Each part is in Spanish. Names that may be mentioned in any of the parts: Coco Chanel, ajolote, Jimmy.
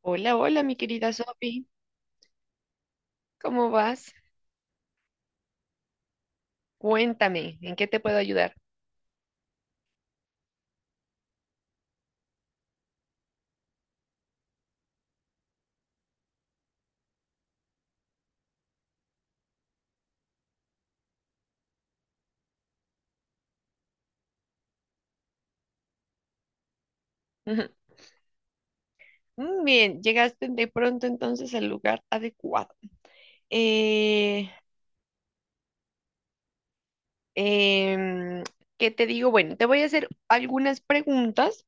Hola, hola, mi querida Sophie. ¿Cómo vas? Cuéntame, ¿en qué te puedo ayudar? Ujú. Mm, bien, llegaste de pronto entonces al lugar adecuado. Eh, em, ¿Qué te digo? Bueno, te voy a hacer algunas preguntas.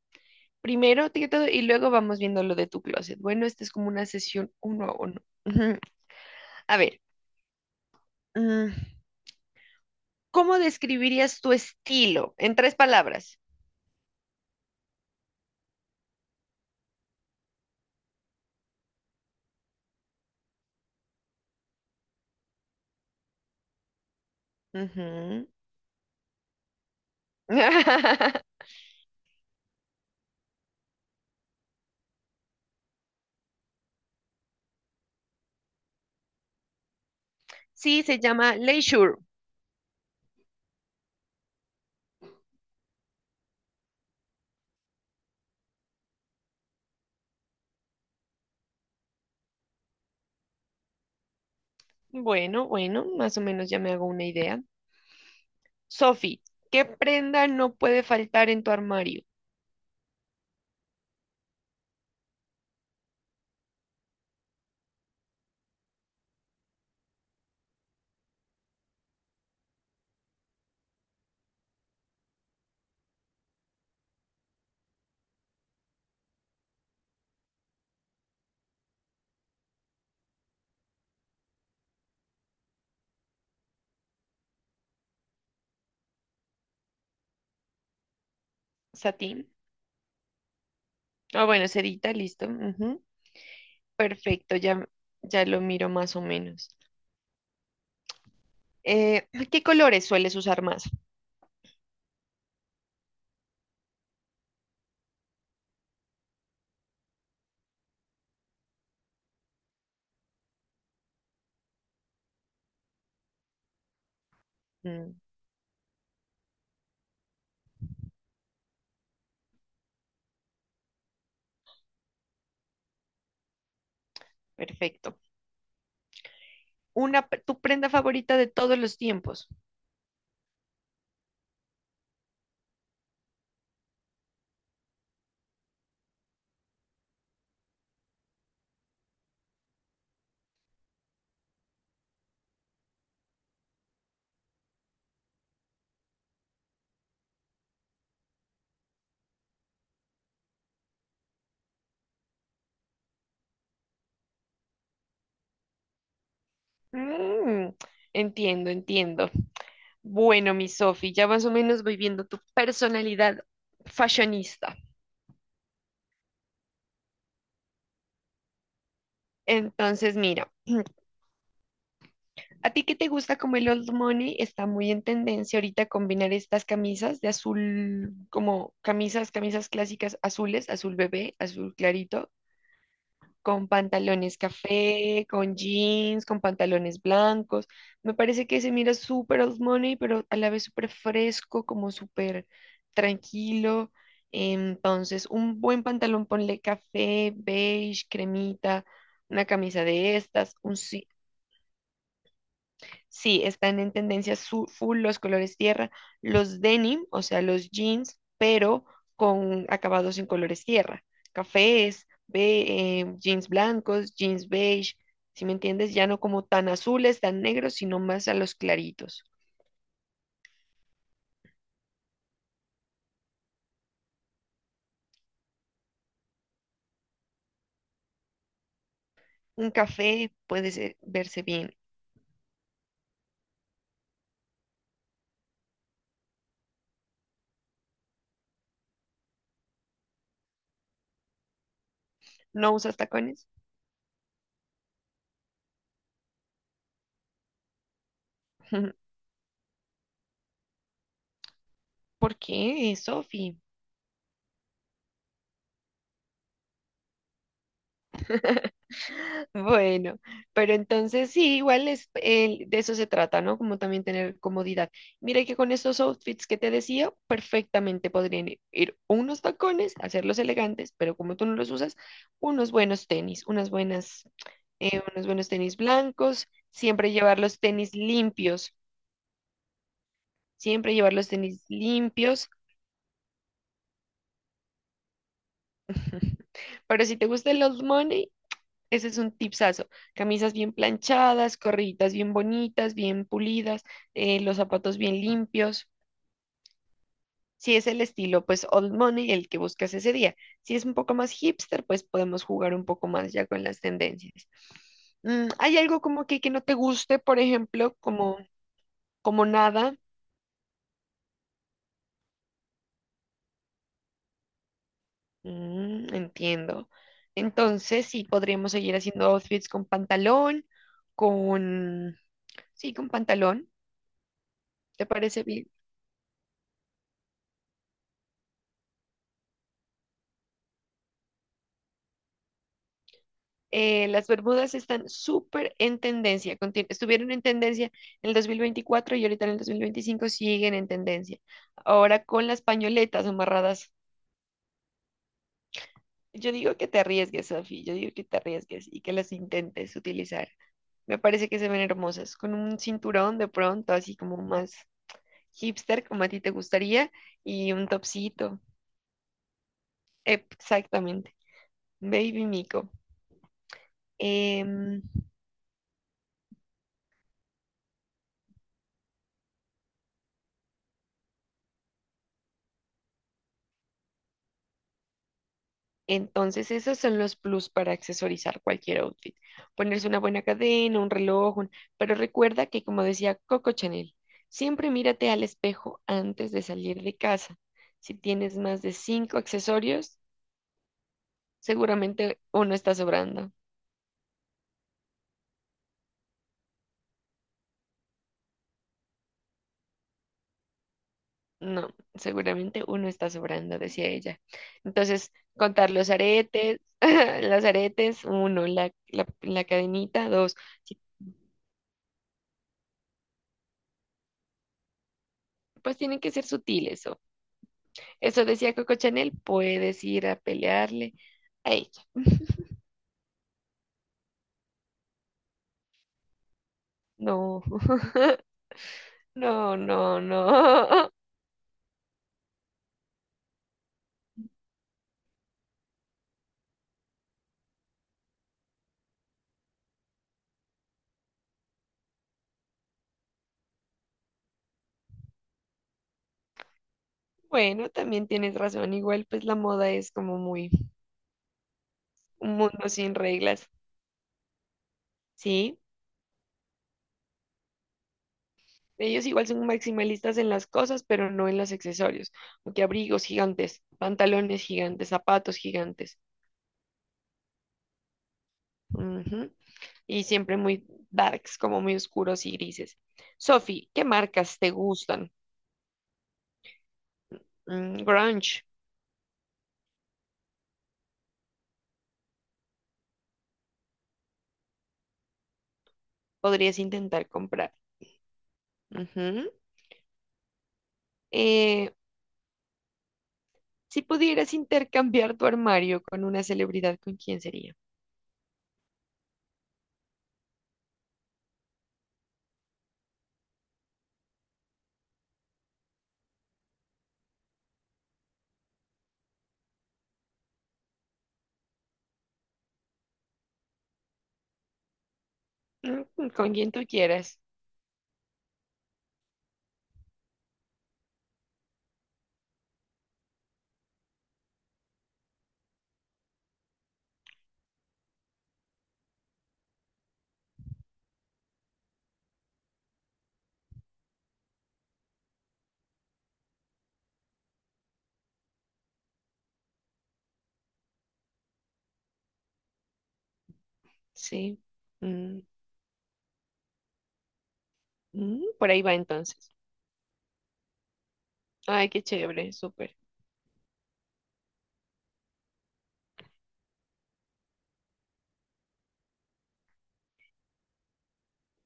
Primero, todo, y luego vamos viendo lo de tu closet. Bueno, esta es como una sesión uno a uno. Ujú. A ver, mm, ¿cómo describirías tu estilo en tres palabras? Ujú. Sí, se llama leisure. Bueno, bueno, más o menos ya me hago una idea. Sophie, ¿qué prenda no puede faltar en tu armario? Satín. Ah, bueno, sedita, listo. Ujú, perfecto, ya, ya lo miro más o menos. ¿Qué colores sueles usar más? Mm, perfecto. Una, tu prenda favorita de todos los tiempos. Mm, entiendo, entiendo. Bueno, mi Sofi, ya más o menos voy viendo tu personalidad fashionista. Entonces, mira, a ti que te gusta como el old money, está muy en tendencia ahorita combinar estas camisas de azul, como camisas, camisas clásicas azules, azul bebé, azul clarito, con pantalones café, con jeans, con pantalones blancos. Me parece que se mira súper old money, pero a la vez súper fresco, como súper tranquilo. Entonces, un buen pantalón, ponle café, beige, cremita, una camisa de estas, sí, están en tendencia full los colores tierra, los denim, o sea, los jeans, pero con acabados en colores tierra, cafés, jeans blancos, jeans beige, si me entiendes, ya no como tan azules, tan negros, sino más a los claritos. Un café puede verse bien. ¿No usas tacones? ¿Por qué, Sofi? Bueno, pero entonces sí, igual es, de eso se trata, ¿no? Como también tener comodidad. Mira que con estos outfits que te decía, perfectamente podrían ir unos tacones, hacerlos elegantes, pero como tú no los usas, unos buenos tenis, unas buenas, unos buenos tenis blancos, siempre llevar los tenis limpios, siempre llevar los tenis limpios. Pero si te gusta el old money, ese es un tipsazo. Camisas bien planchadas, corriditas bien bonitas, bien pulidas, los zapatos bien limpios. Si es el estilo, pues old money, el que buscas ese día. Si es un poco más hipster, pues podemos jugar un poco más ya con las tendencias. Mm, ¿hay algo como que no te guste, por ejemplo, como, como nada? Mm, entiendo. Entonces, sí, podríamos seguir haciendo outfits con pantalón, con... Sí, con pantalón. ¿Te parece bien? Eh, las Bermudas están súper en tendencia, estuvieron en tendencia en el 2024 y ahorita en el 2025 siguen en tendencia. Ahora con las pañoletas amarradas, yo digo que te arriesgues, Sofi, yo digo que te arriesgues y que las intentes utilizar. Me parece que se ven hermosas, con un cinturón de pronto, así como más hipster, como a ti te gustaría, y un topsito. Exactamente. Baby Mico. Em, Entonces, esos son los plus para accesorizar cualquier outfit. Ponerse una buena cadena, un reloj, un- pero recuerda que, como decía Coco Chanel, siempre mírate al espejo antes de salir de casa. Si tienes más de cinco accesorios, seguramente uno está sobrando. No, seguramente uno está sobrando, decía ella. Entonces, contar los aretes, los aretes, uno, la cadenita, dos. Sí, pues tienen que ser sutiles. Eso decía Coco Chanel, puedes ir a pelearle a ella. No, no, no, no. Bueno, también tienes razón. Igual, pues la moda es como muy un mundo sin reglas, ¿sí? Ellos igual son maximalistas en las cosas, pero no en los accesorios. Porque abrigos gigantes, pantalones gigantes, zapatos gigantes. Ujú. Y siempre muy darks, como muy oscuros y grises. Sophie, ¿qué marcas te gustan? Mm, grunge, podrías intentar comprar. Ujú. Eh, si pudieras intercambiar tu armario con una celebridad, ¿con quién sería? Mm, mm, con quien tú quieras. Sí. Mm, mm, por ahí va entonces. Ay, qué chévere, súper.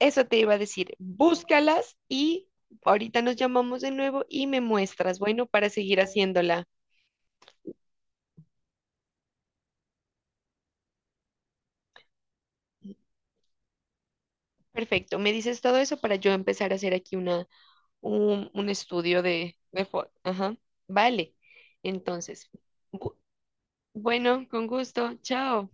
Eso te iba a decir. Búscalas y ahorita nos llamamos de nuevo y me muestras, bueno, para seguir haciéndola. Perfecto. Me dices todo eso para yo empezar a hacer aquí una, un estudio de foto. Ajá. Vale. Entonces, gu- bueno, con gusto. Chao.